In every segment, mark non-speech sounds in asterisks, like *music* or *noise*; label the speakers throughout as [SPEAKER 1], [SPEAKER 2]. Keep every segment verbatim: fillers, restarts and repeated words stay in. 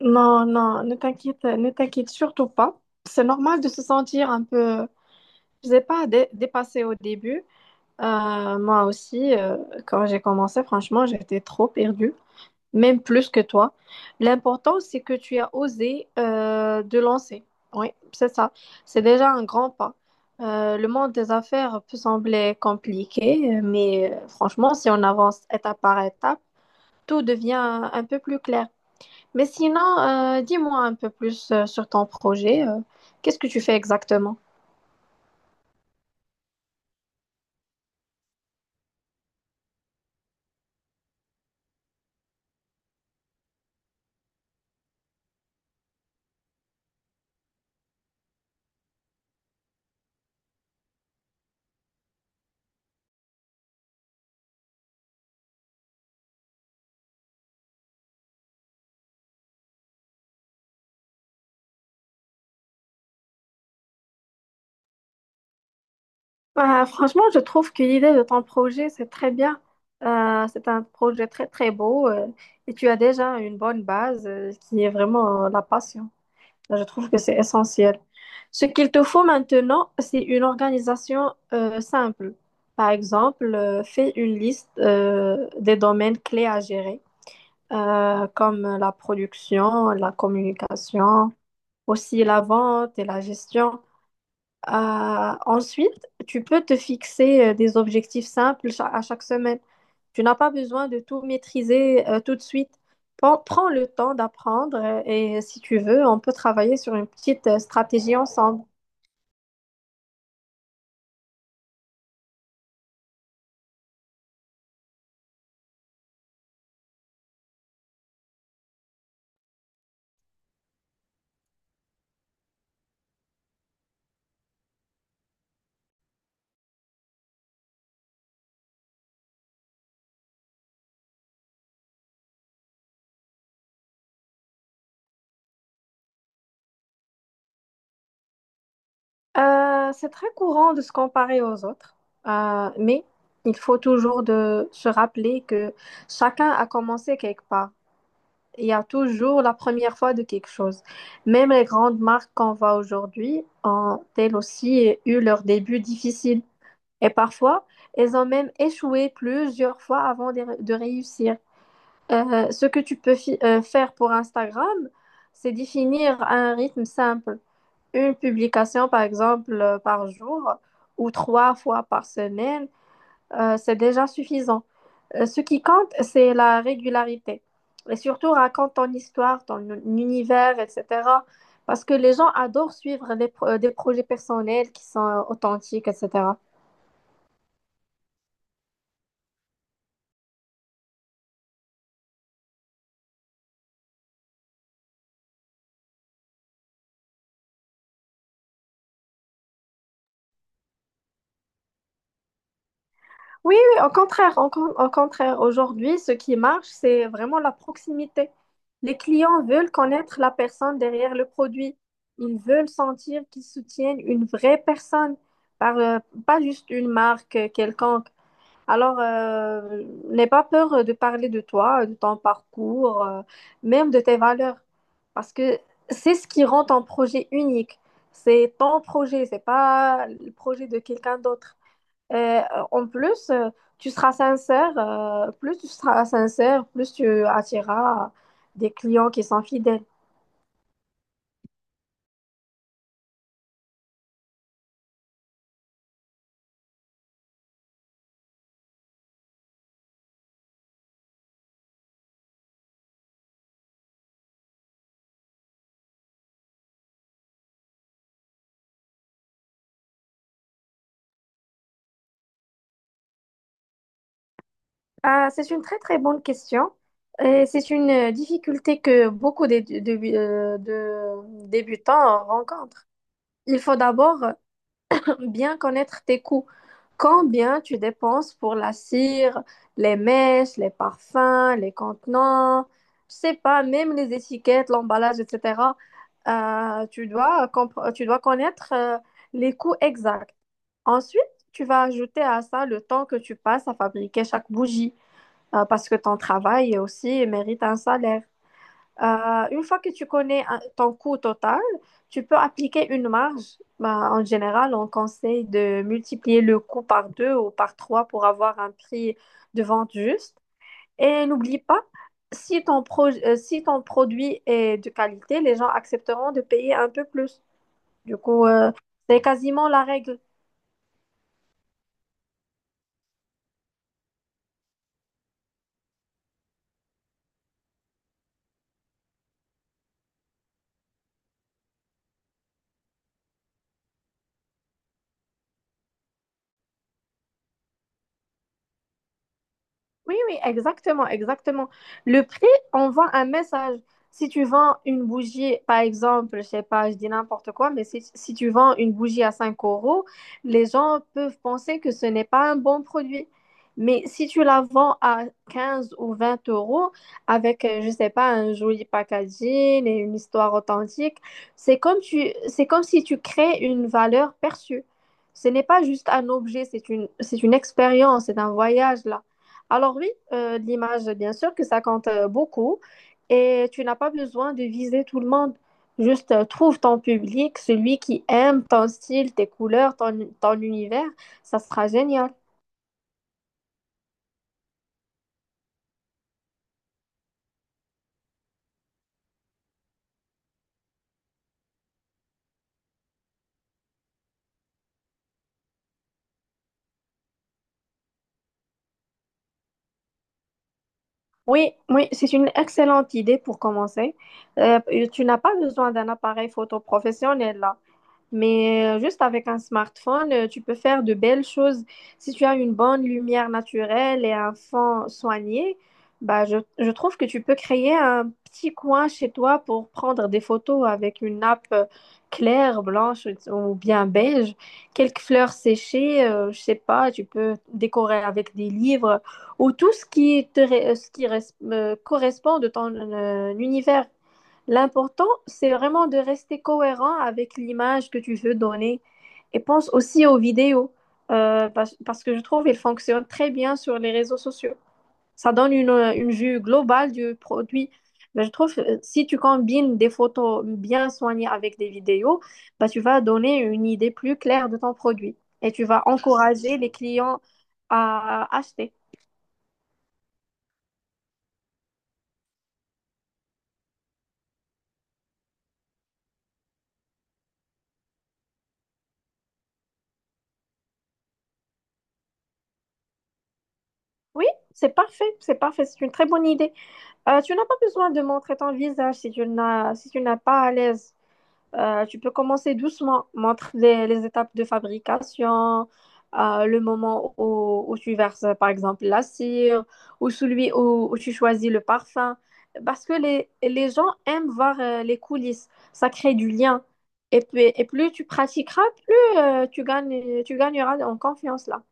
[SPEAKER 1] Non, non, ne t'inquiète, ne t'inquiète surtout pas. C'est normal de se sentir un peu, je sais pas, dé- dépassé au début. Euh, moi aussi, euh, quand j'ai commencé, franchement, j'étais trop perdue, même plus que toi. L'important, c'est que tu as osé euh, de lancer. Oui, c'est ça. C'est déjà un grand pas. Euh, le monde des affaires peut sembler compliqué, mais euh, franchement, si on avance étape par étape, tout devient un peu plus clair. Mais sinon, euh, dis-moi un peu plus euh, sur ton projet. euh, qu'est-ce que tu fais exactement? Bah, franchement, je trouve que l'idée de ton projet, c'est très bien. Euh, c'est un projet très, très beau euh, et tu as déjà une bonne base euh, qui est vraiment euh, la passion. Je trouve que c'est essentiel. Ce qu'il te faut maintenant, c'est une organisation euh, simple. Par exemple, euh, fais une liste euh, des domaines clés à gérer, euh, comme la production, la communication, aussi la vente et la gestion. Euh, ensuite, tu peux te fixer euh, des objectifs simples cha- à chaque semaine. Tu n'as pas besoin de tout maîtriser euh, tout de suite. Prends, prends le temps d'apprendre euh, et si tu veux, on peut travailler sur une petite euh, stratégie ensemble. Euh, c'est très courant de se comparer aux autres, euh, mais il faut toujours de se rappeler que chacun a commencé quelque part. Il y a toujours la première fois de quelque chose. Même les grandes marques qu'on voit aujourd'hui ont elles aussi eu leur début difficile. Et parfois, elles ont même échoué plusieurs fois avant de, de réussir. Euh, ce que tu peux fi- euh, faire pour Instagram, c'est définir un rythme simple. Une publication, par exemple, euh, par jour ou trois fois par semaine euh, c'est déjà suffisant. Euh, ce qui compte, c'est la régularité. Et surtout, raconte ton histoire, ton un- univers, et cetera. Parce que les gens adorent suivre les pro- euh, des projets personnels qui sont euh, authentiques, et cetera. Oui, oui, au contraire, au con- au contraire, aujourd'hui, ce qui marche, c'est vraiment la proximité. Les clients veulent connaître la personne derrière le produit. Ils veulent sentir qu'ils soutiennent une vraie personne, par, euh, pas juste une marque euh, quelconque. Alors, euh, n'aie pas peur de parler de toi, de ton parcours, euh, même de tes valeurs, parce que c'est ce qui rend ton projet unique. C'est ton projet, c'est pas le projet de quelqu'un d'autre. Et, euh, en plus, euh, tu seras sincère, euh, plus tu seras sincère, plus tu attireras des clients qui sont fidèles. Ah, c'est une très très bonne question. Et c'est une euh, difficulté que beaucoup de, de- de- euh, de débutants rencontrent. Il faut d'abord *clears throat* bien connaître tes coûts. Combien tu dépenses pour la cire, les mèches, les parfums, les contenants, je sais pas, même les étiquettes, l'emballage, et cetera. Euh, tu dois, compre- tu dois connaître euh, les coûts exacts. Ensuite, tu vas ajouter à ça le temps que tu passes à fabriquer chaque bougie, euh, parce que ton travail aussi mérite un salaire. Euh, une fois que tu connais un- ton coût total, tu peux appliquer une marge. Bah, en général, on conseille de multiplier le coût par deux ou par trois pour avoir un prix de vente juste. Et n'oublie pas, si ton pro- euh, si ton produit est de qualité, les gens accepteront de payer un peu plus. Du coup, euh, c'est quasiment la règle. Oui, oui, exactement, exactement. Le prix envoie un message. Si tu vends une bougie, par exemple, je sais pas, je dis n'importe quoi, mais si, si tu vends une bougie à cinq euros, les gens peuvent penser que ce n'est pas un bon produit. Mais si tu la vends à quinze ou vingt euros avec, euh, je sais pas, un joli packaging et une histoire authentique, c'est comme tu, c'est comme si tu crées une valeur perçue. Ce n'est pas juste un objet, c'est une, c'est une expérience, c'est un voyage là. Alors oui, euh, l'image, bien sûr que ça compte euh, beaucoup et tu n'as pas besoin de viser tout le monde. Juste euh, trouve ton public, celui qui aime ton style, tes couleurs, ton, ton univers, ça sera génial. Oui, oui, c'est une excellente idée pour commencer. Euh, tu n'as pas besoin d'un appareil photo professionnel là. Mais euh, juste avec un smartphone, euh, tu peux faire de belles choses. Si tu as une bonne lumière naturelle et un fond soigné, bah, je, je trouve que tu peux créer un petit coin chez toi pour prendre des photos avec une nappe euh, claire, blanche ou bien beige, quelques fleurs séchées, euh, je sais pas, tu peux décorer avec des livres ou tout ce qui te, ré- ce qui res- euh, correspond de ton euh, univers. L'important, c'est vraiment de rester cohérent avec l'image que tu veux donner. Et pense aussi aux vidéos, euh, parce, parce que je trouve qu'elles fonctionnent très bien sur les réseaux sociaux. Ça donne une, euh, une vue globale du produit. Ben, je trouve que euh, si tu combines des photos bien soignées avec des vidéos, ben, tu vas donner une idée plus claire de ton produit et tu vas encourager les clients à acheter. Oui, c'est parfait, c'est parfait, c'est une très bonne idée. Euh, tu n'as pas besoin de montrer ton visage si tu n'as si tu n'es pas à l'aise. Euh, tu peux commencer doucement. Montre les, les étapes de fabrication, euh, le moment où, où tu verses, par exemple, la cire, ou celui où, où tu choisis le parfum. Parce que les, les gens aiment voir euh, les coulisses. Ça crée du lien. Et puis, et plus tu pratiqueras, plus euh, tu gagnes, tu gagneras en confiance là.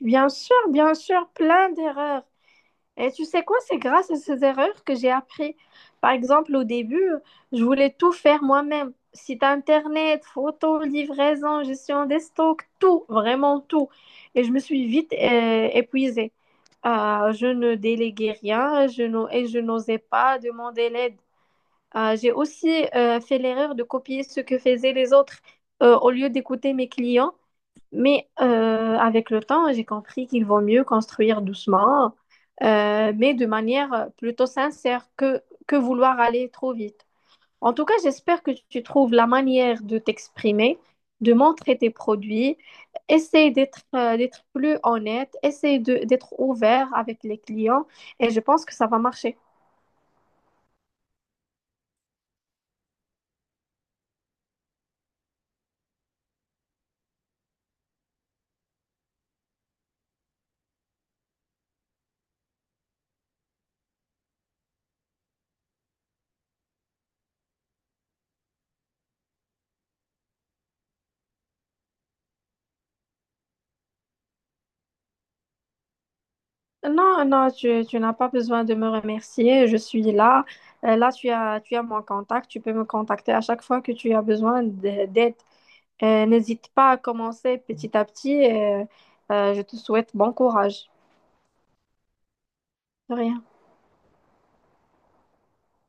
[SPEAKER 1] Bien sûr, bien sûr, plein d'erreurs. Et tu sais quoi, c'est grâce à ces erreurs que j'ai appris. Par exemple, au début, je voulais tout faire moi-même. Site internet, photos, livraison, gestion des stocks, tout, vraiment tout. Et je me suis vite euh, épuisée. Euh, je ne déléguais rien je n'o- et je n'osais pas demander l'aide. Euh, j'ai aussi euh, fait l'erreur de copier ce que faisaient les autres euh, au lieu d'écouter mes clients. Mais euh, avec le temps, j'ai compris qu'il vaut mieux construire doucement, euh, mais de manière plutôt sincère que, que vouloir aller trop vite. En tout cas, j'espère que tu trouves la manière de t'exprimer, de montrer tes produits. Essaye d'être euh, d'être plus honnête, essaye de- d'être ouvert avec les clients et je pense que ça va marcher. Non, non, tu, tu n'as pas besoin de me remercier. Je suis là. Euh, là, tu as, tu as mon contact. Tu peux me contacter à chaque fois que tu as besoin de- d'aide. Euh, n'hésite pas à commencer petit à petit. et, euh, je te souhaite bon courage. De rien.